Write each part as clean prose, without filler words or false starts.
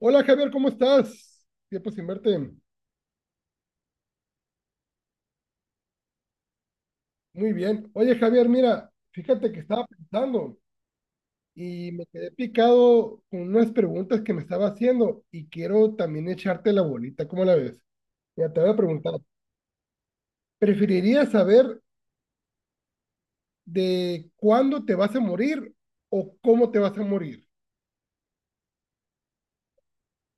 Hola Javier, ¿cómo estás? Tiempo sin verte. Muy bien. Oye Javier, mira, fíjate que estaba pensando y me quedé picado con unas preguntas que me estaba haciendo y quiero también echarte la bolita, ¿cómo la ves? Ya te voy a preguntar, ¿preferirías saber de cuándo te vas a morir o cómo te vas a morir?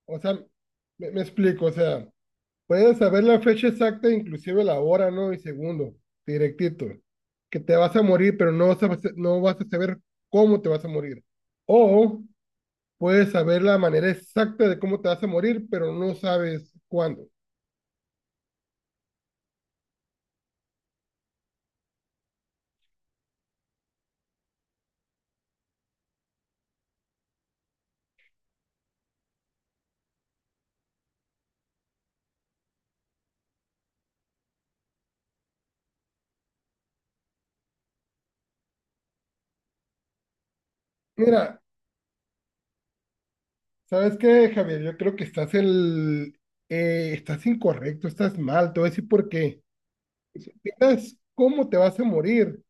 O sea, me explico, o sea, puedes saber la fecha exacta, inclusive la hora, ¿no? Y segundo, directito. Que te vas a morir, pero no vas a saber cómo te vas a morir. O puedes saber la manera exacta de cómo te vas a morir, pero no sabes cuándo. Mira, ¿sabes qué, Javier? Yo creo que estás incorrecto, estás mal. Te voy a decir por qué. Si supieras cómo te vas a morir,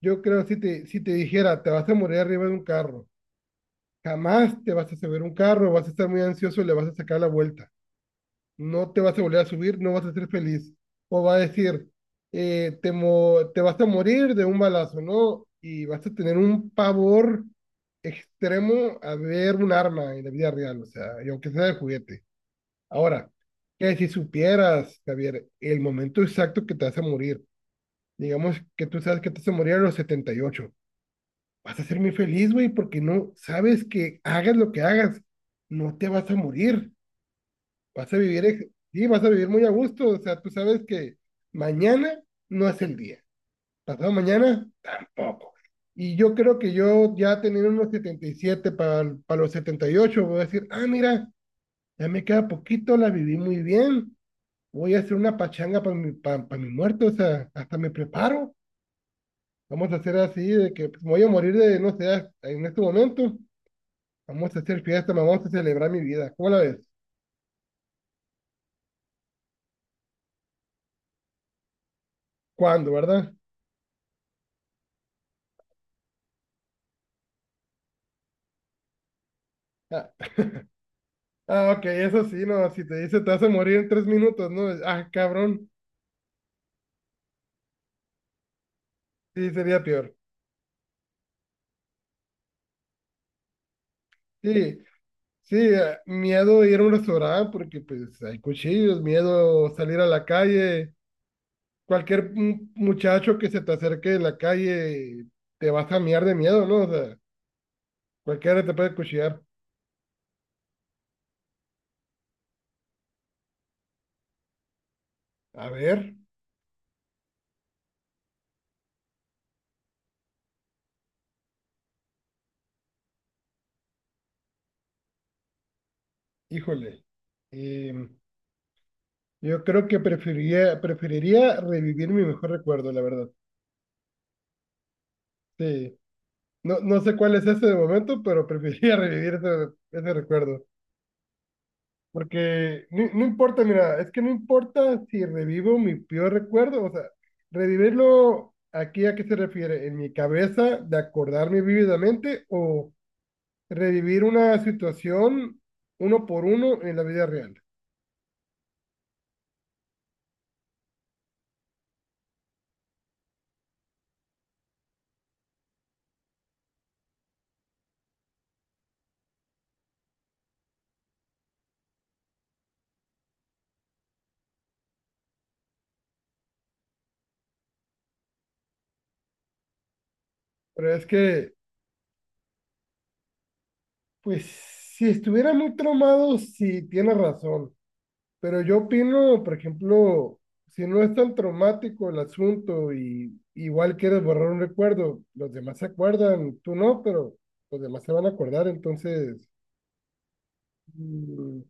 yo creo si te dijera, te vas a morir arriba de un carro. Jamás te vas a subir un carro, vas a estar muy ansioso y le vas a sacar la vuelta. No te vas a volver a subir, no vas a ser feliz. O va a decir, te vas a morir de un balazo, ¿no? Y vas a tener un pavor extremo a ver un arma en la vida real, o sea, y aunque sea de juguete. Ahora, que si supieras, Javier, el momento exacto que te vas a morir, digamos que tú sabes que te vas a morir a los 78. Vas a ser muy feliz, güey, porque no sabes que hagas lo que hagas, no te vas a morir, vas a vivir muy a gusto, o sea, tú sabes que mañana no es el día, pasado mañana tampoco. Y yo creo que yo ya teniendo unos 77 para los 78 voy a decir, ah, mira, ya me queda poquito, la viví muy bien, voy a hacer una pachanga para mi, pa' mi muerto, o sea, hasta me preparo. Vamos a hacer así, de que pues, me voy a morir de, no sé, en este momento. Vamos a hacer fiesta, me vamos a celebrar mi vida. ¿Cómo la ves? ¿Cuándo, verdad? Ah, ah, ok, eso sí, no, si te dice te vas a morir en 3 minutos, ¿no? Ah, cabrón, sí, sería peor. Sí, sí, ah, miedo a ir a un restaurante porque pues hay cuchillos, miedo a salir a la calle, cualquier muchacho que se te acerque en la calle te vas a mear de miedo, ¿no? O sea, cualquiera te puede cuchillar. A ver, híjole. em, Yo creo que preferiría revivir mi mejor recuerdo, la verdad. Sí. No, no sé cuál es ese de momento, pero preferiría revivir ese recuerdo. Porque no importa, mira, es que no importa si revivo mi peor recuerdo, o sea, revivirlo aquí a qué se refiere, en mi cabeza, de acordarme vívidamente, o revivir una situación uno por uno en la vida real. Pero es que, pues, si estuviera muy traumado, sí, tiene razón. Pero yo opino, por ejemplo, si no es tan traumático el asunto y igual quieres borrar un recuerdo, los demás se acuerdan, tú no, pero los demás se van a acordar, mm,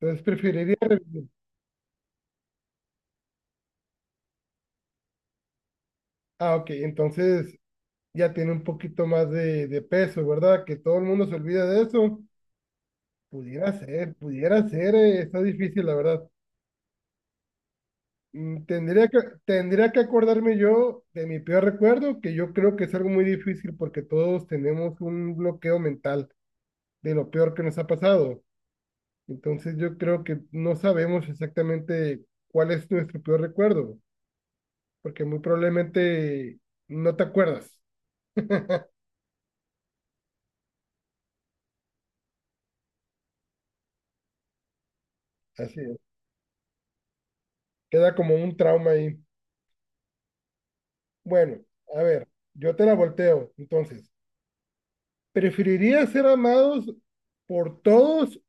entonces preferiría revivir. Ah, ok, entonces ya tiene un poquito más de peso, ¿verdad? Que todo el mundo se olvida de eso. Pudiera ser, está difícil, la verdad. Mm, Tendría que, tendría que acordarme yo de mi peor recuerdo, que yo creo que es algo muy difícil porque todos tenemos un bloqueo mental de lo peor que nos ha pasado. Entonces yo creo que no sabemos exactamente cuál es nuestro peor recuerdo, porque muy probablemente no te acuerdas. Así es. Queda como un trauma ahí. Bueno, a ver, yo te la volteo. Entonces, ¿preferirías ser amados por todos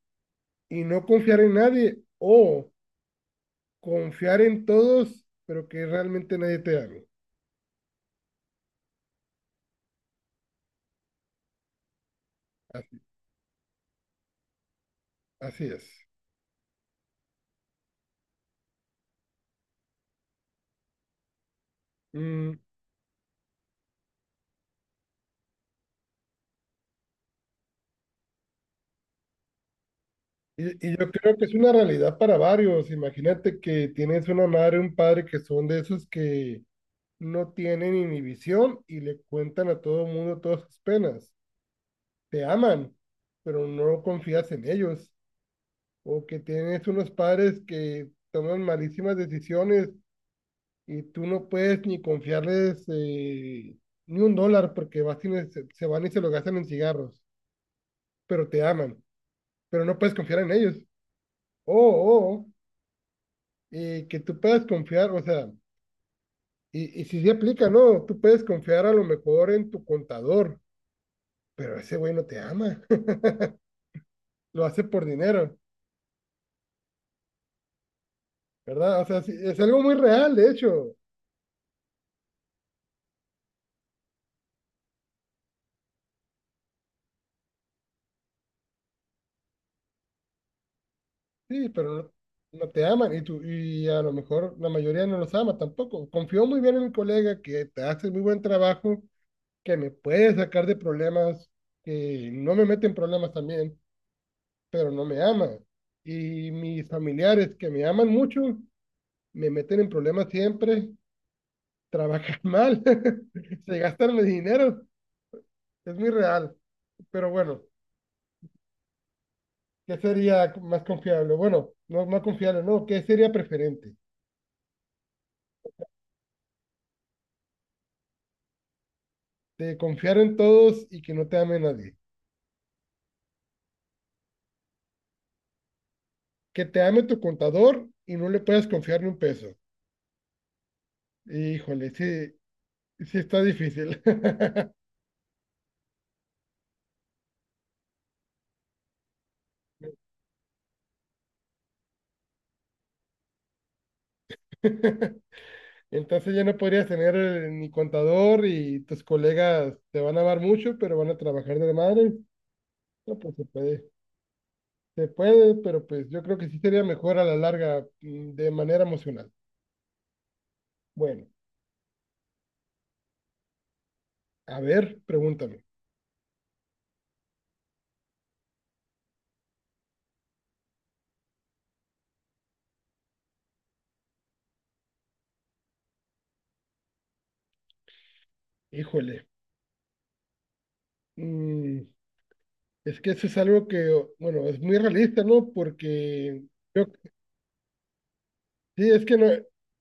y no confiar en nadie o confiar en todos, pero que realmente nadie te haga? Así, así es. Mm, y yo creo que es una realidad para varios. Imagínate que tienes una madre, un padre que son de esos que no tienen inhibición y le cuentan a todo el mundo todas sus penas. Te aman, pero no confías en ellos. O que tienes unos padres que toman malísimas decisiones y tú no puedes ni confiarles ni un dólar porque vas y se van y se lo gastan en cigarros, pero te aman, pero no puedes confiar en ellos. O, que tú puedas confiar, o sea, y si se aplica, no, tú puedes confiar a lo mejor en tu contador, pero ese güey no te ama, lo hace por dinero, ¿verdad? O sea, sí, es algo muy real, de hecho, sí, pero no. No te aman y tú, y a lo mejor la mayoría no los ama tampoco. Confío muy bien en mi colega que te hace muy buen trabajo, que me puede sacar de problemas, que no me mete en problemas también, pero no me ama. Y mis familiares que me aman mucho, me meten en problemas siempre, trabajan mal, se gastan mi dinero, es muy real. Pero bueno, ¿qué sería más confiable? Bueno, no más confiable, no, ¿qué sería preferente? De confiar en todos y que no te ame nadie. Que te ame tu contador y no le puedas confiar ni un peso. Híjole, sí, sí está difícil. Entonces ya no podrías tener ni contador y tus colegas te van a amar mucho, pero van a trabajar de madre. No, pues se puede, pero pues yo creo que sí sería mejor a la larga, de manera emocional. Bueno, a ver, pregúntame. Híjole, mm, es que eso es algo que, bueno, es muy realista, ¿no? Porque yo, sí, es que no,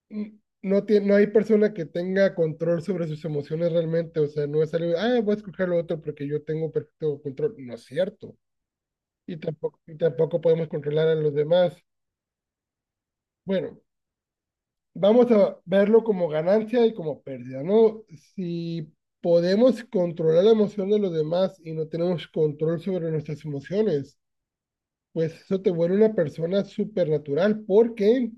mm, no, tie- no hay persona que tenga control sobre sus emociones realmente, o sea, no es algo, ah, voy a escoger lo otro porque yo tengo perfecto control. No es cierto. Y tampoco podemos controlar a los demás. Bueno, vamos a verlo como ganancia y como pérdida, ¿no? Si podemos controlar la emoción de los demás y no tenemos control sobre nuestras emociones, pues eso te vuelve una persona supernatural porque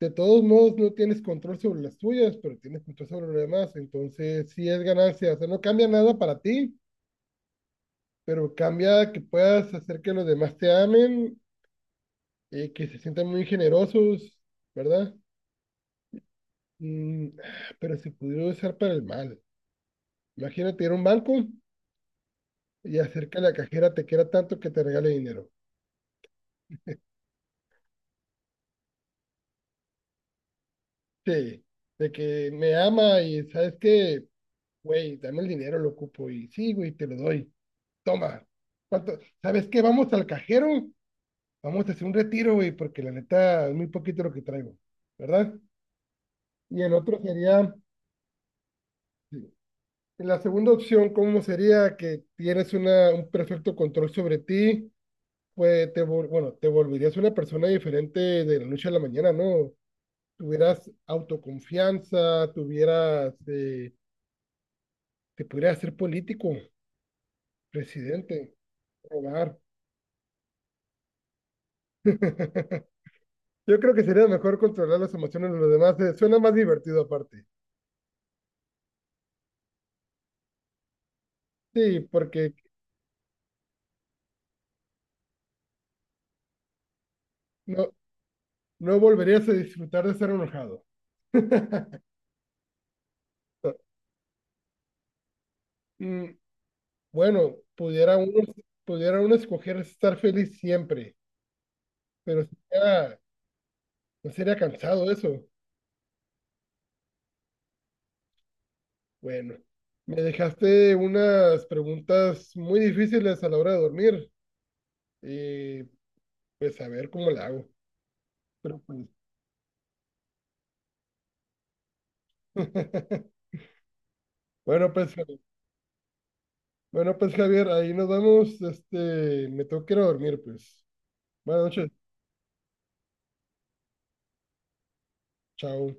de todos modos no tienes control sobre las tuyas, pero tienes control sobre los demás. Entonces, sí es ganancia, o sea, no cambia nada para ti, pero cambia que puedas hacer que los demás te amen, que se sientan muy generosos, ¿verdad? Mm, pero si pudiera usar para el mal. Imagínate ir a un banco y hacer que la cajera te quiera tanto que te regale dinero. Sí, de que me ama y sabes que, güey, dame el dinero, lo ocupo. Y sí, güey, te lo doy. Toma. ¿Cuánto? ¿Sabes qué? Vamos al cajero, vamos a hacer un retiro, güey, porque la neta es muy poquito lo que traigo, ¿verdad? Y el otro sería, sí, la segunda opción, ¿cómo sería que tienes un perfecto control sobre ti? Bueno, te volverías una persona diferente de la noche a la mañana, ¿no? Tuvieras autoconfianza, te pudieras ser político, presidente, robar. Yo creo que sería mejor controlar las emociones de los demás. Suena más divertido aparte. Sí, porque no, no volverías a disfrutar de estar enojado. Mm, Bueno, pudiera uno escoger estar feliz siempre, pero sería, no sería cansado eso. Bueno, me dejaste unas preguntas muy difíciles a la hora de dormir y pues a ver cómo la hago. Pero pues, Bueno, pues, Javi- bueno, pues, Javier, ahí nos vamos. Me tengo que ir a dormir, pues. Buenas noches. Chao.